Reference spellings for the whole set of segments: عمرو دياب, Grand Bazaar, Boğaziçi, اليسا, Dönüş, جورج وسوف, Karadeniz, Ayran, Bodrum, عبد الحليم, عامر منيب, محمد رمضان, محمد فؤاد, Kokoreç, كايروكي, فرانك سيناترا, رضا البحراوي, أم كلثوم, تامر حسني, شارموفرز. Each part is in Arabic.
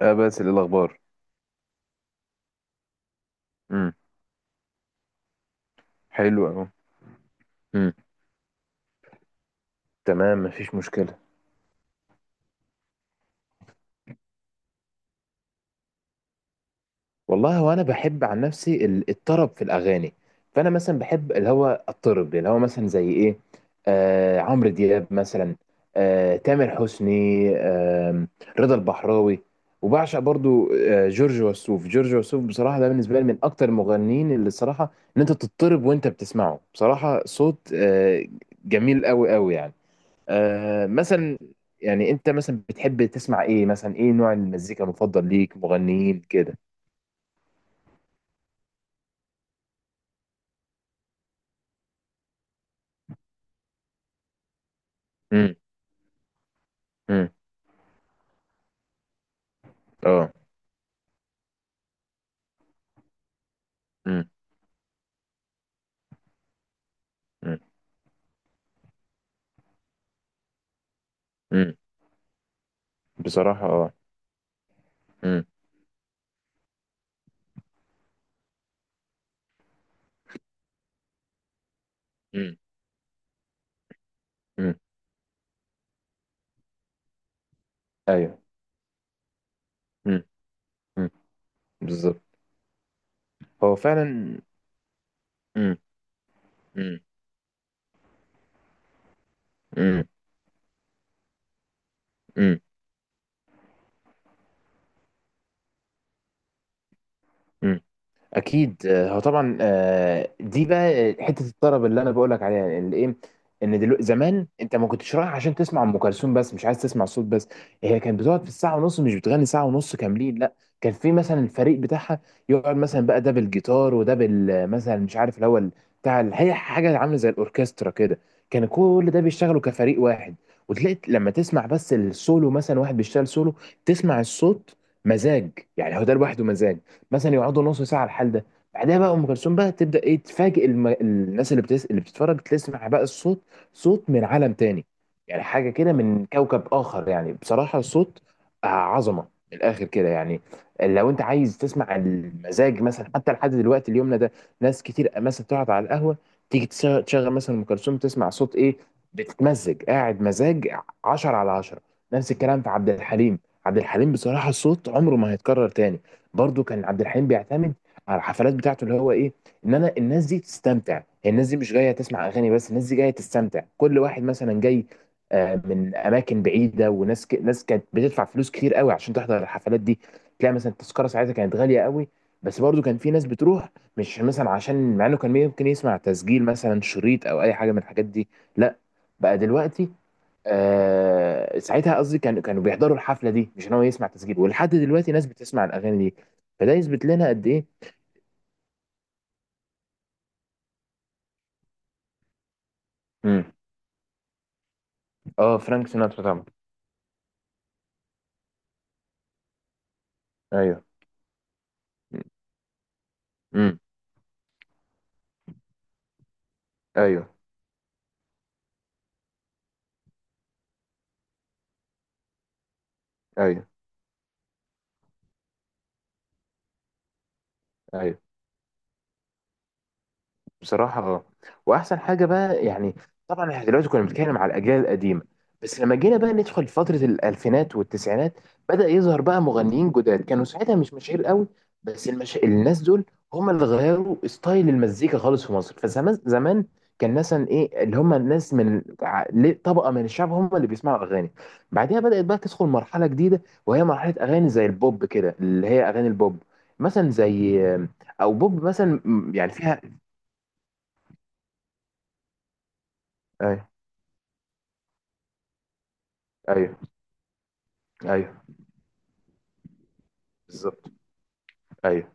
اه، بس إيه الاخبار؟ امم. حلو اهو. امم. تمام، مفيش مشكله. والله هو انا بحب عن نفسي الطرب في الاغاني. فانا مثلا بحب اللي هو الطرب اللي هو مثلا زي ايه. عمرو دياب مثلا. تامر حسني. آه رضا البحراوي. وبعشق برضو جورج وسوف. جورج وسوف بصراحه ده بالنسبه لي من اكتر المغنيين، اللي الصراحه ان انت تضطرب وانت بتسمعه. بصراحه صوت جميل قوي قوي يعني. مثلا. يعني انت مثلا بتحب تسمع ايه؟ مثلا ايه نوع المزيكا المفضل ليك؟ مغنيين كده؟ امم. امم. اه. امم. امم. امم. بصراحة اه. امم. امم. امم. ايوه. امم. امم. بالظبط. هو فعلا. امم. امم. امم. امم. اكيد. هو طبعا. دي بقى حته الطرب اللي انا بقولك عليها اللي ايه، ان دلوقتي زمان انت ما كنتش رايح عشان تسمع ام كلثوم بس، مش عايز تسمع صوت بس. هي كانت بتقعد في الساعه ونص، مش بتغني ساعه ونص كاملين، لا. كان في مثلا الفريق بتاعها، يقعد مثلا بقى ده بالجيتار وده بال، مثلا مش عارف اللي هو بتاع هي حاجه عامله زي الاوركسترا كده. كان كل ده بيشتغلوا كفريق واحد. وتلاقي لما تسمع بس السولو، مثلا واحد بيشتغل سولو، تسمع الصوت. مزاج. يعني هو ده لوحده مزاج. مثلا يقعدوا نص ساعه على الحال ده. بعدها بقى ام كلثوم بقى تبدا ايه، تفاجئ الناس اللي اللي بتتفرج، تسمع بقى الصوت. صوت من عالم تاني. يعني حاجه كده من كوكب اخر، يعني بصراحه الصوت. عظمه، من الاخر كده يعني. لو انت عايز تسمع المزاج مثلا، حتى لحد دلوقتي اليومنا ده، ناس كتير مثلا تقعد على القهوه، تيجي تشغل مثلا ام كلثوم، تسمع صوت ايه، بتتمزج، قاعد مزاج. 10 على 10. نفس الكلام في عبد الحليم. عبد الحليم بصراحه الصوت عمره ما هيتكرر تاني. برضو كان عبد الحليم بيعتمد على الحفلات بتاعته اللي هو ايه، ان انا الناس دي تستمتع. هي الناس دي مش جايه تسمع اغاني بس، الناس دي جايه تستمتع. كل واحد مثلا جاي من اماكن بعيده. وناس ناس كانت بتدفع فلوس كتير قوي عشان تحضر الحفلات دي. تلاقي مثلا التذكره ساعتها كانت غاليه قوي، بس برضو كان في ناس بتروح. مش مثلا عشان، مع انه كان ممكن يسمع تسجيل، مثلا شريط او اي حاجه من الحاجات دي، لا. بقى دلوقتي، ساعتها قصدي، كانوا بيحضروا الحفله دي، مش ان هو يسمع تسجيل. ولحد دلوقتي ناس بتسمع الاغاني دي. فده يثبت لنا قد ايه. امم. اه، فرانك سيناترا طبعا. ايوه. امم. ايوه. ايوه. ايوه. بصراحة اه. وأحسن حاجة بقى يعني، طبعا احنا دلوقتي كنا بنتكلم على الأجيال القديمة. بس لما جينا بقى ندخل فترة الألفينات والتسعينات، بدأ يظهر بقى مغنيين جداد كانوا ساعتها مش مشاهير قوي. بس الناس دول هم اللي غيروا ستايل المزيكا خالص في مصر. فزمان زمان كان مثلا ايه اللي هم، الناس من طبقة من الشعب هم اللي بيسمعوا أغاني. بعدها بدأت بقى تدخل مرحلة جديدة، وهي مرحلة أغاني زي البوب كده، اللي هي أغاني البوب. مثلا زي، أو بوب مثلا يعني فيها. ايوه. ايوه. بالظبط. ايوه.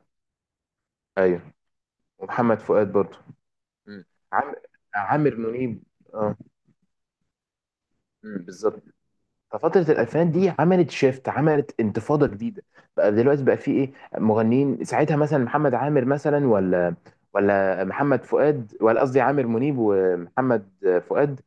ايوه. ومحمد فؤاد برضه. مم. عم... عامر منيب. اه. مم. بالظبط. ففترة الألفينات دي عملت شيفت، عملت انتفاضة جديدة. بقى دلوقتي بقى في إيه مغنيين ساعتها، مثلا محمد عامر مثلا، ولا محمد فؤاد، ولا قصدي عامر منيب ومحمد فؤاد.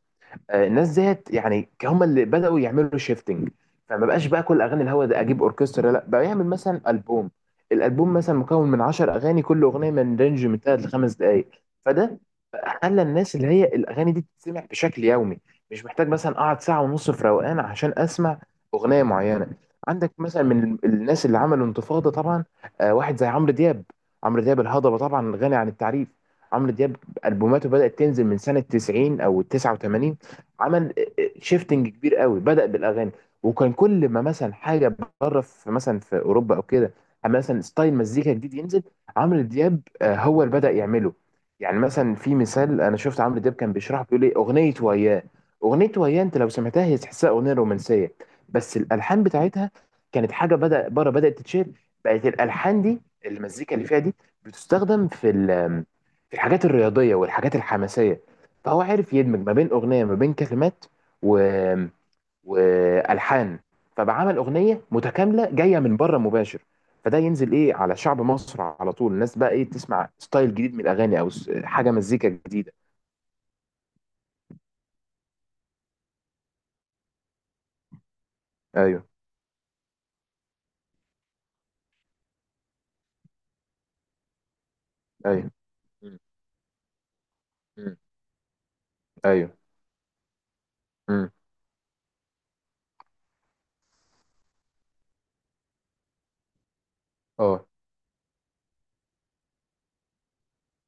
الناس ديت يعني هم اللي بدأوا يعملوا شيفتنج. فما بقاش بقى كل اغاني الهوا ده اجيب اوركسترا، لا، بقى يعمل مثلا البوم. الالبوم مثلا مكون من 10 اغاني، كل اغنيه من رينج من 3 ل 5 دقائق. فده خلى الناس، اللي هي الاغاني دي تتسمع بشكل يومي، مش محتاج مثلا اقعد ساعه ونص في روقان عشان اسمع اغنيه معينه. عندك مثلا من الناس اللي عملوا انتفاضه طبعا، واحد زي عمرو دياب. عمرو دياب الهضبه طبعا غني عن التعريف. عمرو دياب البوماته بدأت تنزل من سنة 90 او 89. عمل شيفتنج كبير قوي، بدأ بالاغاني. وكان كل ما مثلا حاجه بره، في مثلا في اوروبا او كده، أما مثلا ستايل مزيكا جديد ينزل، عمرو دياب هو اللي بدأ يعمله. يعني مثلا في مثال انا شفت عمرو دياب كان بيشرح، بيقول ايه اغنيه وياه. اغنيه وياه انت لو سمعتها هي تحسها اغنيه رومانسيه، بس الالحان بتاعتها كانت حاجه بدأ بره بدأت تتشير. بقت الالحان دي، المزيكا اللي فيها دي، بتستخدم في في الحاجات الرياضيه والحاجات الحماسيه. فهو عرف يدمج ما بين اغنيه، ما بين كلمات، و... والحان. فبقى عمل اغنيه متكامله جايه من بره مباشر. فده ينزل ايه على شعب مصر، على طول الناس بقى ايه، تسمع ستايل جديد من الاغاني، او حاجه مزيكا جديده. ايوه. ايوه. مم. مم. ايوه. مم. اه.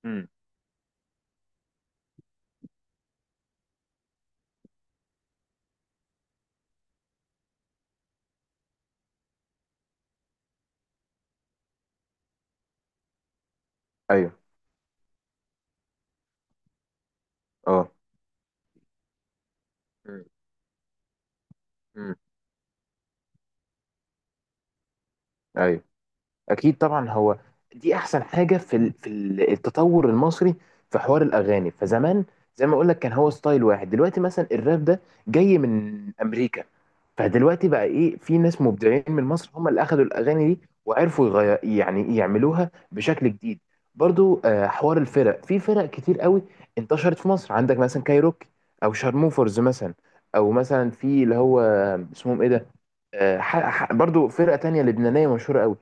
مم. ايوه. اه. مم. مم. ايوه. اكيد طبعا هو دي احسن حاجه في التطور المصري في حوار الاغاني. فزمان، زي ما اقول لك كان هو ستايل واحد. دلوقتي مثلا الراب ده جاي من امريكا. فدلوقتي بقى ايه، في ناس مبدعين من مصر هم اللي اخذوا الاغاني دي وعرفوا يغير، يعني يعملوها بشكل جديد. برضو حوار الفرق، في فرق كتير قوي انتشرت في مصر. عندك مثلا كايروكي، او شارموفرز مثلا، او مثلا في اللي هو اسمهم ايه ده، برضو فرقه تانية لبنانيه مشهوره قوي.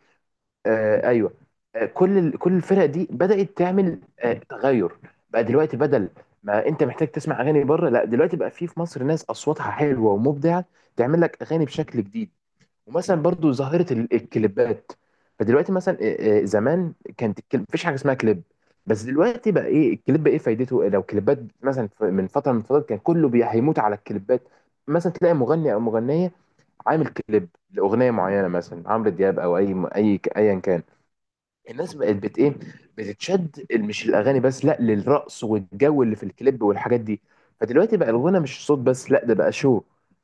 آه ايوه. كل كل الفرق دي بدأت تعمل تغير. بقى دلوقتي بدل ما انت محتاج تسمع اغاني بره، لا، دلوقتي بقى في مصر ناس اصواتها حلوه ومبدعه تعمل لك اغاني بشكل جديد. ومثلا برضو ظاهره الكليبات. فدلوقتي مثلا، زمان كانت الكليب مفيش حاجه اسمها كليب. بس دلوقتي بقى ايه الكليب، ايه فايدته، لو كليبات مثلا، من فتره من الفترات كان كله هيموت على الكليبات. مثلا تلاقي مغني او مغنيه عامل كليب لاغنيه معينه، مثلا عمرو دياب او اي ايا كان. الناس بقت بت ايه، بتتشد، مش الاغاني بس، لا، للرقص والجو اللي في الكليب والحاجات دي. فدلوقتي بقى الغنى مش صوت بس، لا، ده بقى شو.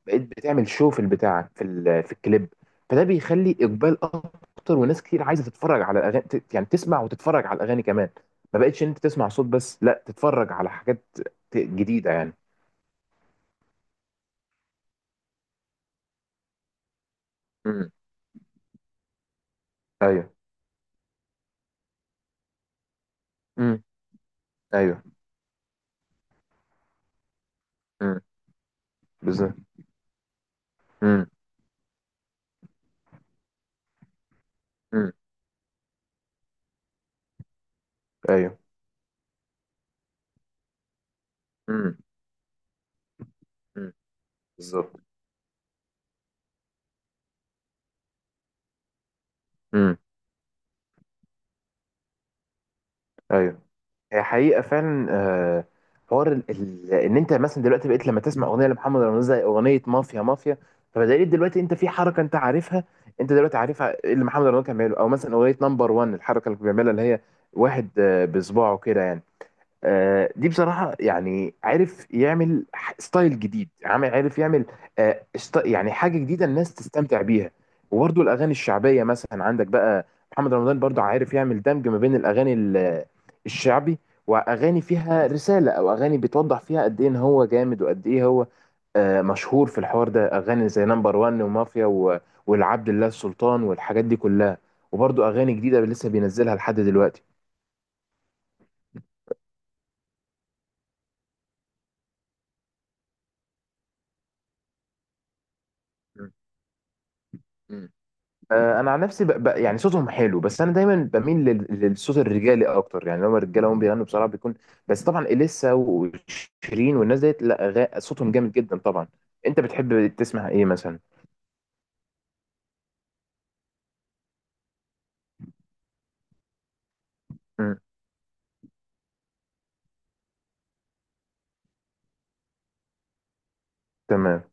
بقيت بتعمل شو في البتاع في في الكليب. فده بيخلي اقبال اكتر، وناس كتير عايزه تتفرج على الاغاني، يعني تسمع وتتفرج على الاغاني كمان. ما بقتش ان انت تسمع صوت بس، لا، تتفرج على حاجات جديده يعني. امم. ايوه. امم. ايوه. امم. بالظبط. امم. امم. ايوه. امم. امم. بالظبط. امم. ايوه. هي حقيقة فعلا. حوار ان انت مثلا دلوقتي بقيت لما تسمع اغنية لمحمد رمضان زي اغنية مافيا مافيا، فبدليل دلوقتي انت في حركة انت عارفها، انت دلوقتي عارفها اللي محمد رمضان كان بيعمله. او مثلا اغنية نمبر 1، الحركة اللي بيعملها اللي هي واحد بصباعه كده يعني. دي بصراحة يعني عارف يعمل ستايل جديد. عامل، عارف يعمل يعني حاجة جديدة الناس تستمتع بيها. وبرضه الأغاني الشعبية مثلا عندك بقى محمد رمضان برضه عارف يعمل دمج ما بين الأغاني الشعبي، وأغاني فيها رسالة، أو أغاني بتوضح فيها قد إيه إن هو جامد وقد إيه هو مشهور في الحوار ده. أغاني زي نمبر وان ومافيا والعبد الله السلطان والحاجات دي كلها. وبرضه أغاني جديدة لسه بينزلها لحد دلوقتي. مم. انا عن نفسي يعني صوتهم حلو، بس انا دايما بميل للصوت الرجالي اكتر. يعني لما الرجاله هم بيغنوا بصراحه بيكون. بس طبعا اليسا وشيرين والناس ديت، لا، صوتهم جامد جدا طبعا. انت بتحب تسمع ايه مثلا؟ مم. تمام.